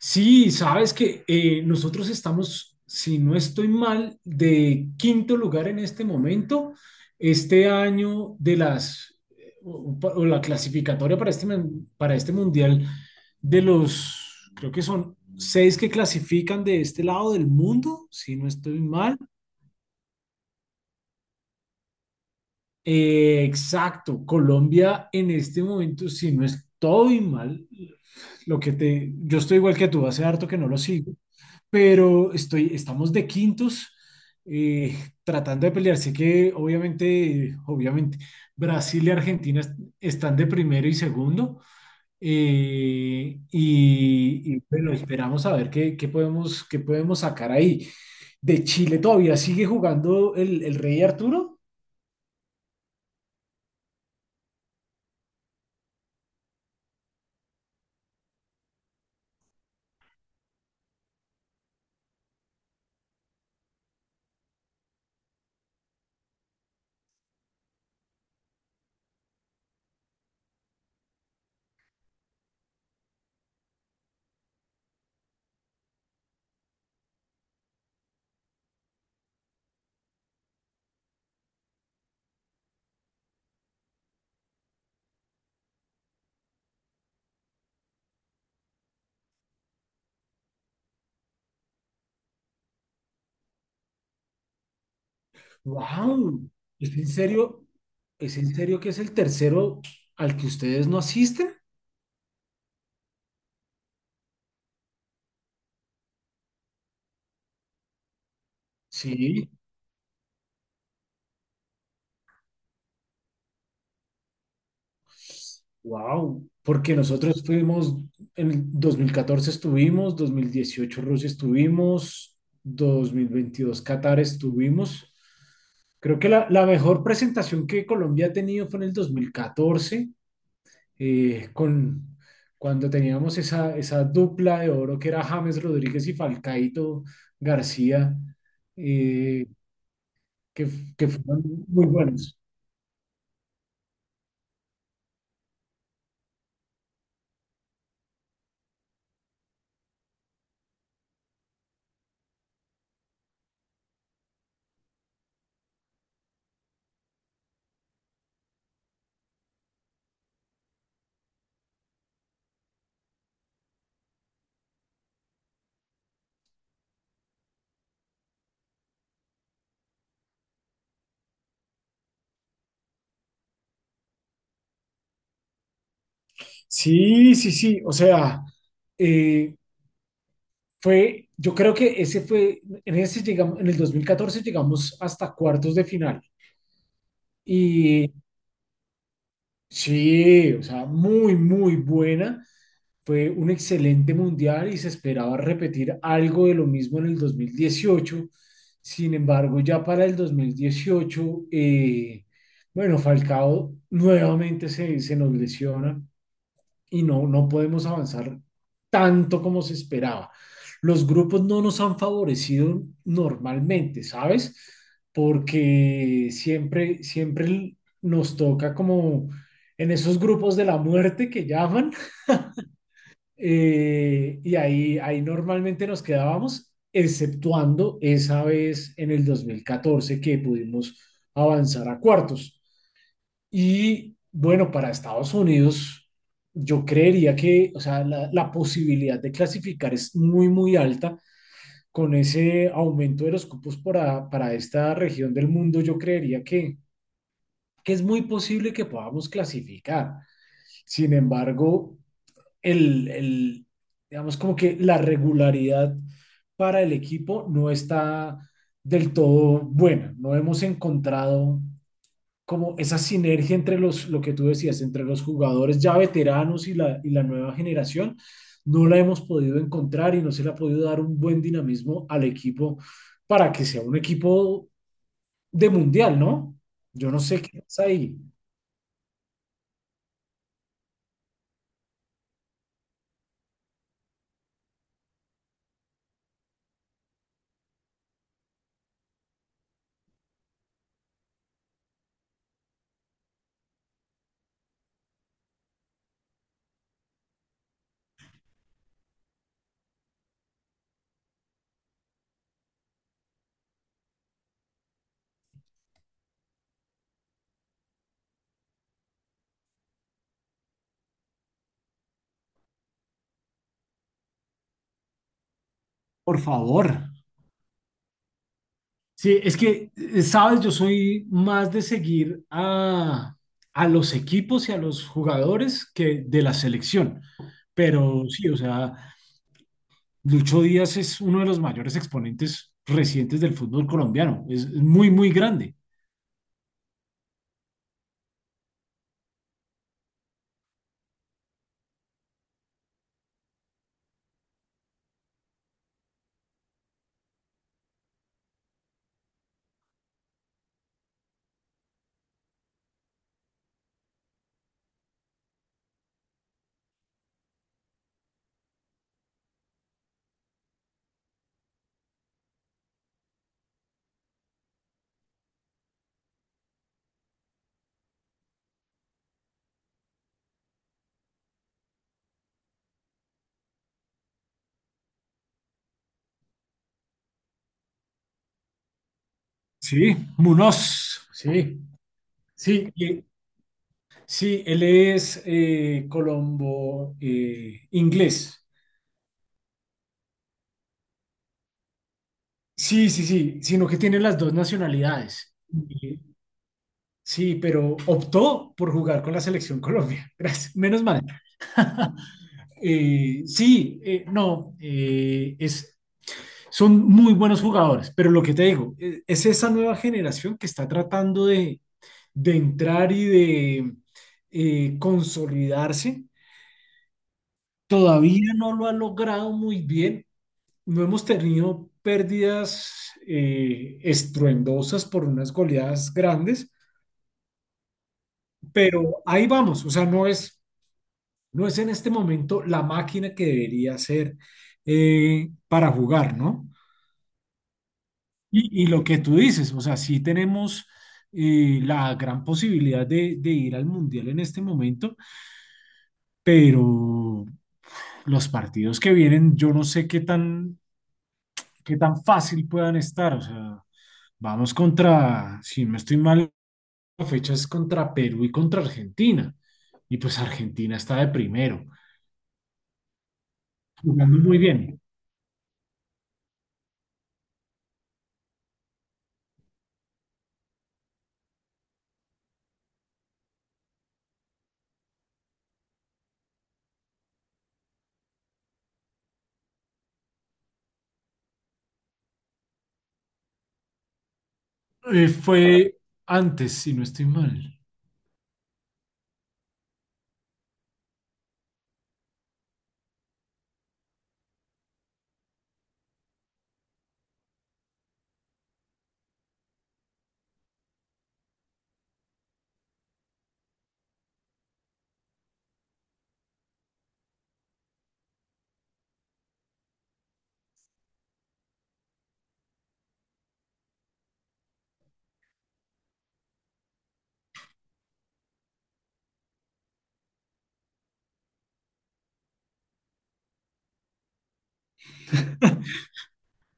Sí, sabes que nosotros estamos, si no estoy mal, de quinto lugar en este momento. Este año de las, o la clasificatoria para este, para este mundial, de los, creo que son seis que clasifican de este lado del mundo, si no estoy mal. Exacto, Colombia en este momento, si no estoy mal, yo estoy igual que tú, hace harto que no lo sigo. Pero estoy, estamos de quintos, eh, tratando de pelear. Sé que obviamente, Brasil y Argentina están de primero y segundo. Eh, y, bueno, esperamos a ver qué podemos sacar ahí. De Chile todavía sigue jugando el Rey Arturo. ¡Wow! ¿Es en serio? ¿Es en serio que es el tercero al que ustedes no asisten? Sí. Wow, porque nosotros fuimos, en el 2014 estuvimos, 2018 Rusia estuvimos, 2022 Qatar estuvimos. Creo que la mejor presentación que Colombia ha tenido fue en el 2014, con, cuando teníamos esa dupla de oro que era James Rodríguez y Falcaito García, eh, que, que fueron muy buenos. Sí, sí, sí, o sea, eh, fue, yo creo que ese fue, en ese llegamos, en el 2014 llegamos hasta cuartos de final. Y sí, o sea, muy, muy buena. Fue un excelente mundial y se esperaba repetir algo de lo mismo en el dos mil dieciocho. Sin embargo, ya para el 2018, bueno, Falcao nuevamente se nos lesiona y no, no podemos avanzar tanto como se esperaba. Los grupos no nos han favorecido normalmente, ¿sabes? Porque siempre, siempre nos toca como en esos grupos de la muerte que llaman, ahí normalmente nos quedábamos, exceptuando esa vez en el 2014 que pudimos avanzar a cuartos. Y bueno, para Estados Unidos, yo creería que, o sea, la posibilidad de clasificar es muy, muy alta. Con ese aumento de los cupos para esta región del mundo, yo creería que es muy posible que podamos clasificar. Sin embargo, el, el, digamos como que la regularidad para el equipo no está del todo buena. No hemos encontrado como esa sinergia entre los, lo que tú decías, entre los jugadores ya veteranos y la nueva generación, no la hemos podido encontrar y no se le ha podido dar un buen dinamismo al equipo para que sea un equipo de mundial, ¿no? Yo no sé qué pasa ahí. Por favor. Sí, es que, sabes, yo soy más de seguir a los equipos y a los jugadores que de la selección. Pero sí, o sea, Lucho Díaz es uno de los mayores exponentes recientes del fútbol colombiano. Es muy, muy grande. Sí, Munoz. Sí, sí, y- sí, él es colombo inglés. Sí, sí, sí, sino que tiene las dos nacionalidades. Y- Sí, pero optó por jugar con la selección Colombia. Gracias, menos mal. Sí, no, es, son muy buenos jugadores, pero lo que te digo, es esa nueva generación que está tratando de entrar y de consolidarse. Todavía no lo ha logrado muy bien. No hemos tenido pérdidas estruendosas por unas goleadas grandes, pero ahí vamos. O sea, no es, no es en este momento la máquina que debería ser, para jugar, ¿no? Y lo que tú dices, o sea, sí tenemos la gran posibilidad de ir al Mundial en este momento, pero los partidos que vienen, yo no sé qué tan fácil puedan estar. O sea, vamos contra, si no estoy mal, la fecha es contra Perú y contra Argentina. Y pues Argentina está de primero, jugando muy bien. Fue antes, si no estoy mal.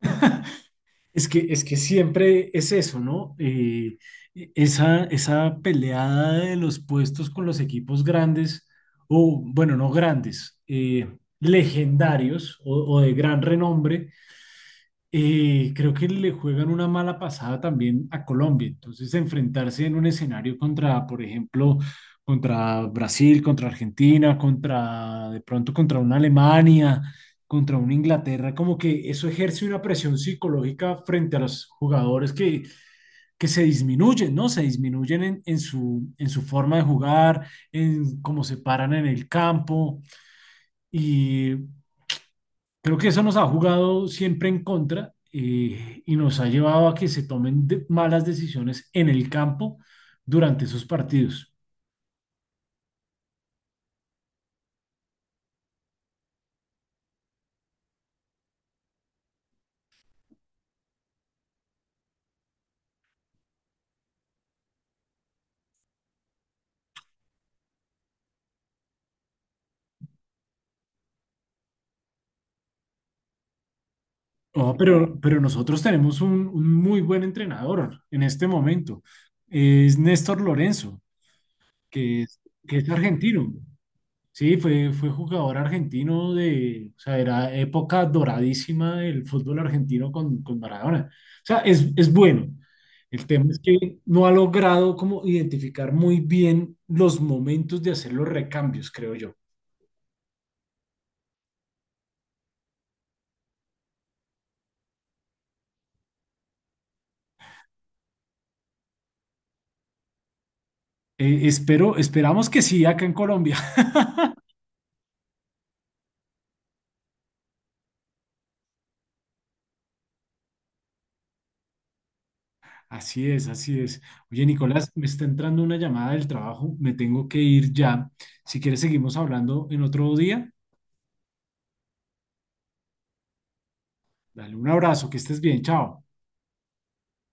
Es que siempre es eso, ¿no? Esa peleada de los puestos con los equipos grandes, o bueno, no grandes, legendarios o de gran renombre, creo que le juegan una mala pasada también a Colombia. Entonces, enfrentarse en un escenario contra, por ejemplo, contra Brasil, contra Argentina, contra, de pronto, contra una Alemania, contra una Inglaterra, como que eso ejerce una presión psicológica frente a los jugadores que se disminuyen, ¿no? Se disminuyen en en su forma de jugar, en cómo se paran en el campo. Y creo que eso nos ha jugado siempre en contra, y nos ha llevado a que se tomen malas decisiones en el campo durante esos partidos. Oh, pero nosotros tenemos un muy buen entrenador en este momento. Es Néstor Lorenzo, que es, que es argentino. Sí, fue jugador argentino de, o sea, era época doradísima del fútbol argentino con Maradona. O sea, es bueno. El tema es que no ha logrado como identificar muy bien los momentos de hacer los recambios, creo yo. Espero, esperamos que sí acá en Colombia. Así es, así es. Oye, Nicolás, me está entrando una llamada del trabajo, me tengo que ir ya. Si quieres, seguimos hablando en otro día. Dale un abrazo, que estés bien, chao.